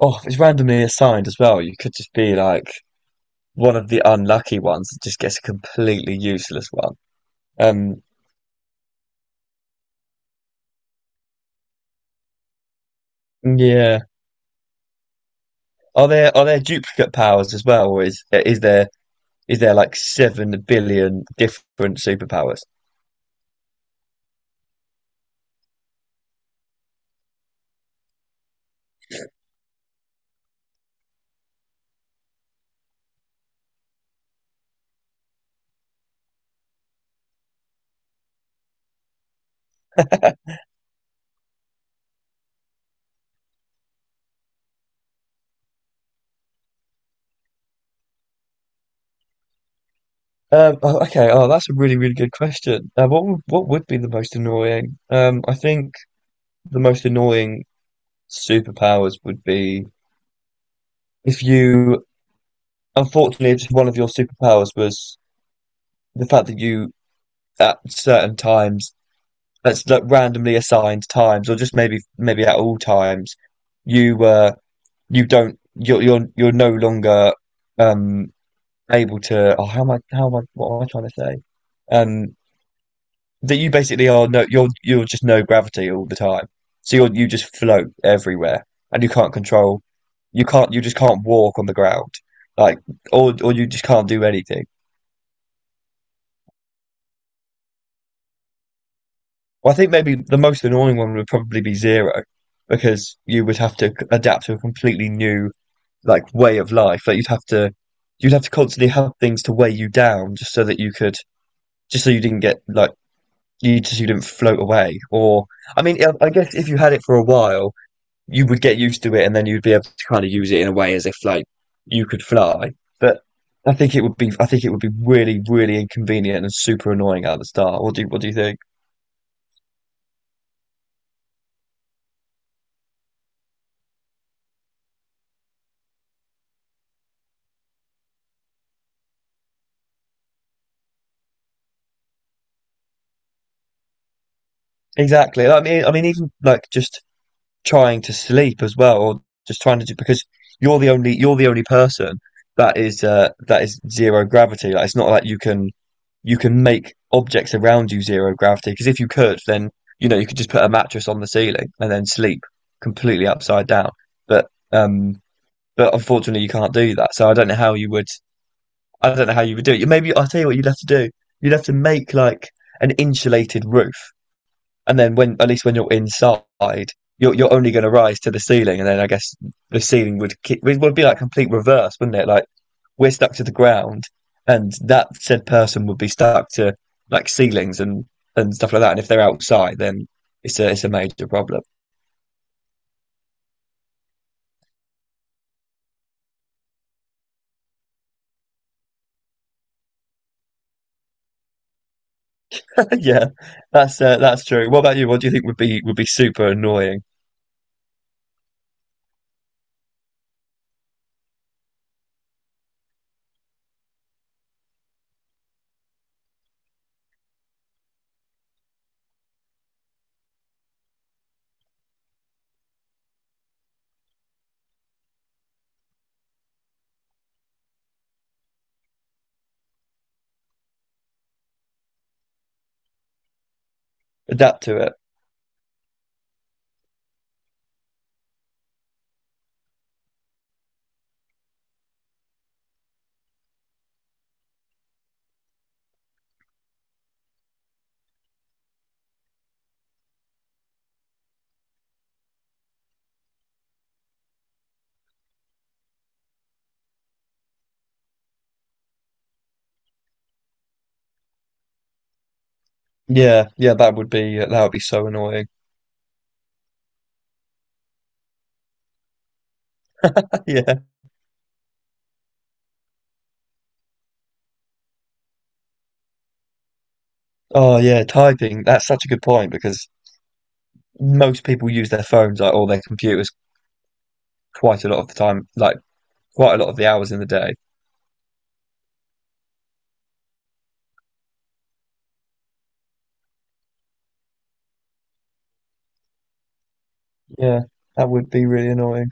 Oh, if it's randomly assigned as well. You could just be like one of the unlucky ones that just gets a completely useless one. Um, yeah. Are there duplicate powers as well, or is there is there like 7 billion different superpowers? Oh, okay. Oh, that's a really really good question. What would be the most annoying? I think the most annoying superpowers would be if you, unfortunately, if one of your superpowers was the fact that you at certain times that's like randomly assigned times, or just maybe at all times, you you don't you're no longer um able to. Oh, how am I? How am I? What am I trying to say? Um, that you basically are you're just no gravity all the time, so you just float everywhere, and you can't control. You can't. You just can't walk on the ground, like or you just can't do anything. Well, I think maybe the most annoying one would probably be zero, because you would have to adapt to a completely new like way of life. Like you'd have to constantly have things to weigh you down just so that you could just so you didn't get like you didn't float away. Or I mean, I guess if you had it for a while, you would get used to it, and then you'd be able to kind of use it in a way as if like you could fly. But I think it would be really really inconvenient and super annoying at the start. What do you think? Exactly. I mean, even like just trying to sleep as well, or just trying to do because you're the only person that is zero gravity. Like it's not like you can make objects around you zero gravity because if you could, then you know you could just put a mattress on the ceiling and then sleep completely upside down. But um, but unfortunately you can't do that. So I don't know how you would do it. Maybe I'll tell you what you'd have to do. You'd have to make like an insulated roof and then when at least when you're inside, you're only going to rise to the ceiling, and then I guess the ceiling would it would be like complete reverse, wouldn't it? Like we're stuck to the ground, and that said person would be stuck to like ceilings and stuff like that. And if they're outside, then it's a major problem. Yeah, that's true. What about you? What do you think would be super annoying? Adapt to it. Yeah, yeah, that would be so annoying. Yeah. Oh yeah, typing. That's such a good point because most people use their phones like, or their computers quite a lot of the time, like quite a lot of the hours in the day. Yeah, that would be really annoying.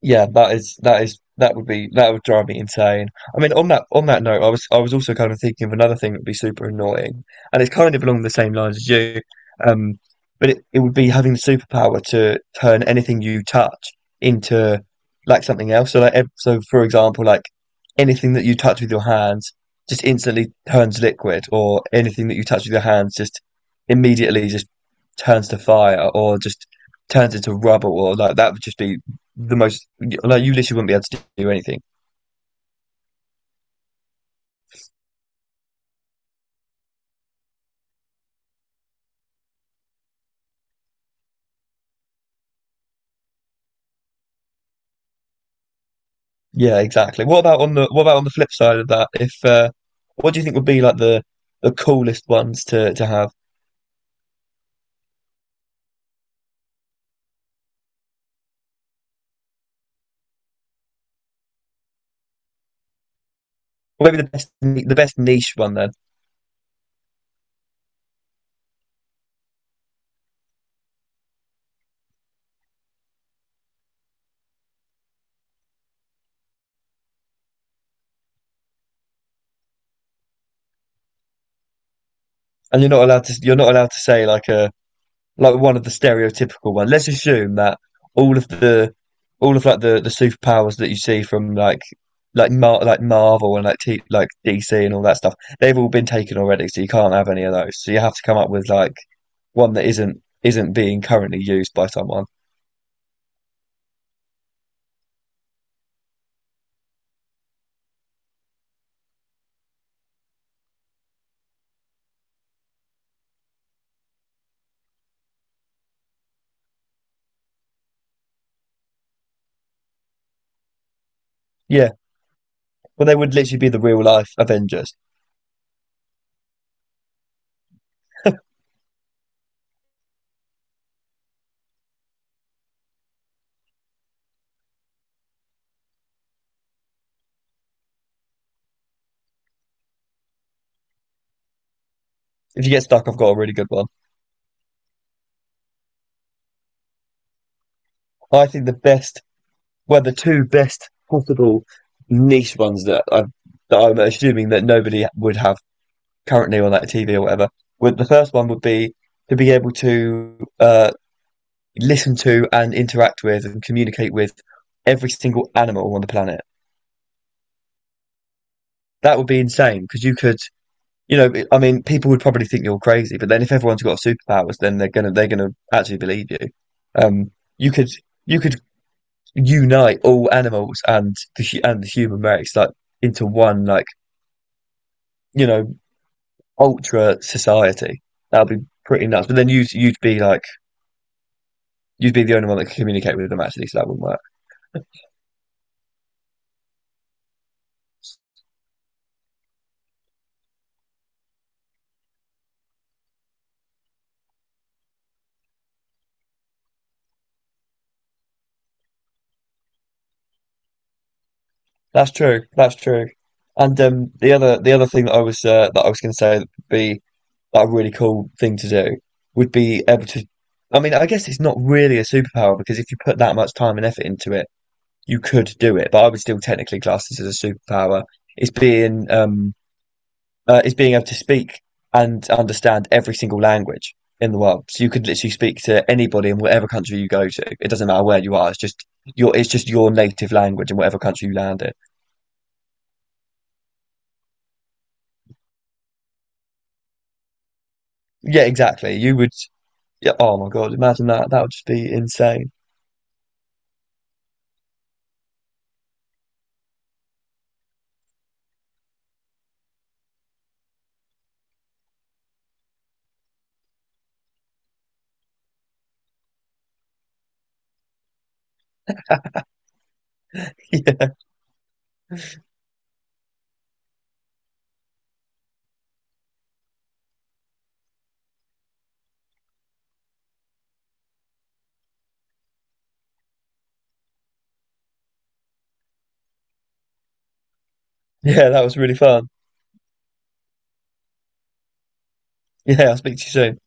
Yeah, that is that would drive me insane. I mean, on that note, I was also kind of thinking of another thing that would be super annoying, and it's kind of along the same lines as you. Um, but it would be having the superpower to turn anything you touch into like something else. So like so for example, like anything that you touch with your hands just instantly turns liquid, or anything that you touch with your hands just immediately just turns to fire, or just turns into rubble, or like that would just be the most like you literally wouldn't be able to do anything. Yeah, exactly. What about on the flip side of that? If what do you think would be like the coolest ones to have? Or maybe the best niche one then. And you're not allowed to say like a like one of the stereotypical ones. Let's assume that all of the all of like the superpowers that you see from like Mar like Marvel and like DC and all that stuff, they've all been taken already, so you can't have any of those. So you have to come up with like one that isn't being currently used by someone. Yeah, well, they would literally be the real life Avengers. If you get stuck, I've got a really good one. I think the best, well, the two best possible niche ones that I'm assuming that nobody would have currently on like TV or whatever, would the first one would be to be able to listen to and interact with and communicate with every single animal on the planet. That would be insane because you could, you know, I mean, people would probably think you're crazy, but then if everyone's got superpowers, then they're gonna actually believe you. Um, you could you could unite all animals and and the human race like into one like you know ultra society. That'd be pretty nuts. But then you'd be like you'd be the only one that could communicate with them actually, so that wouldn't work. That's true. That's true. And the other thing that I was going to say would be like a really cool thing to do would be able to. I mean, I guess it's not really a superpower because if you put that much time and effort into it, you could do it. But I would still technically class this as a superpower. It's being is being able to speak and understand every single language in the world. So you could literally speak to anybody in whatever country you go to. It doesn't matter where you are. It's just your native language in whatever country you land in. Yeah, exactly. You would. Yeah. Oh my God. Imagine that. That would just be insane. Yeah. Yeah. That was really fun. Yeah. I'll speak to you soon.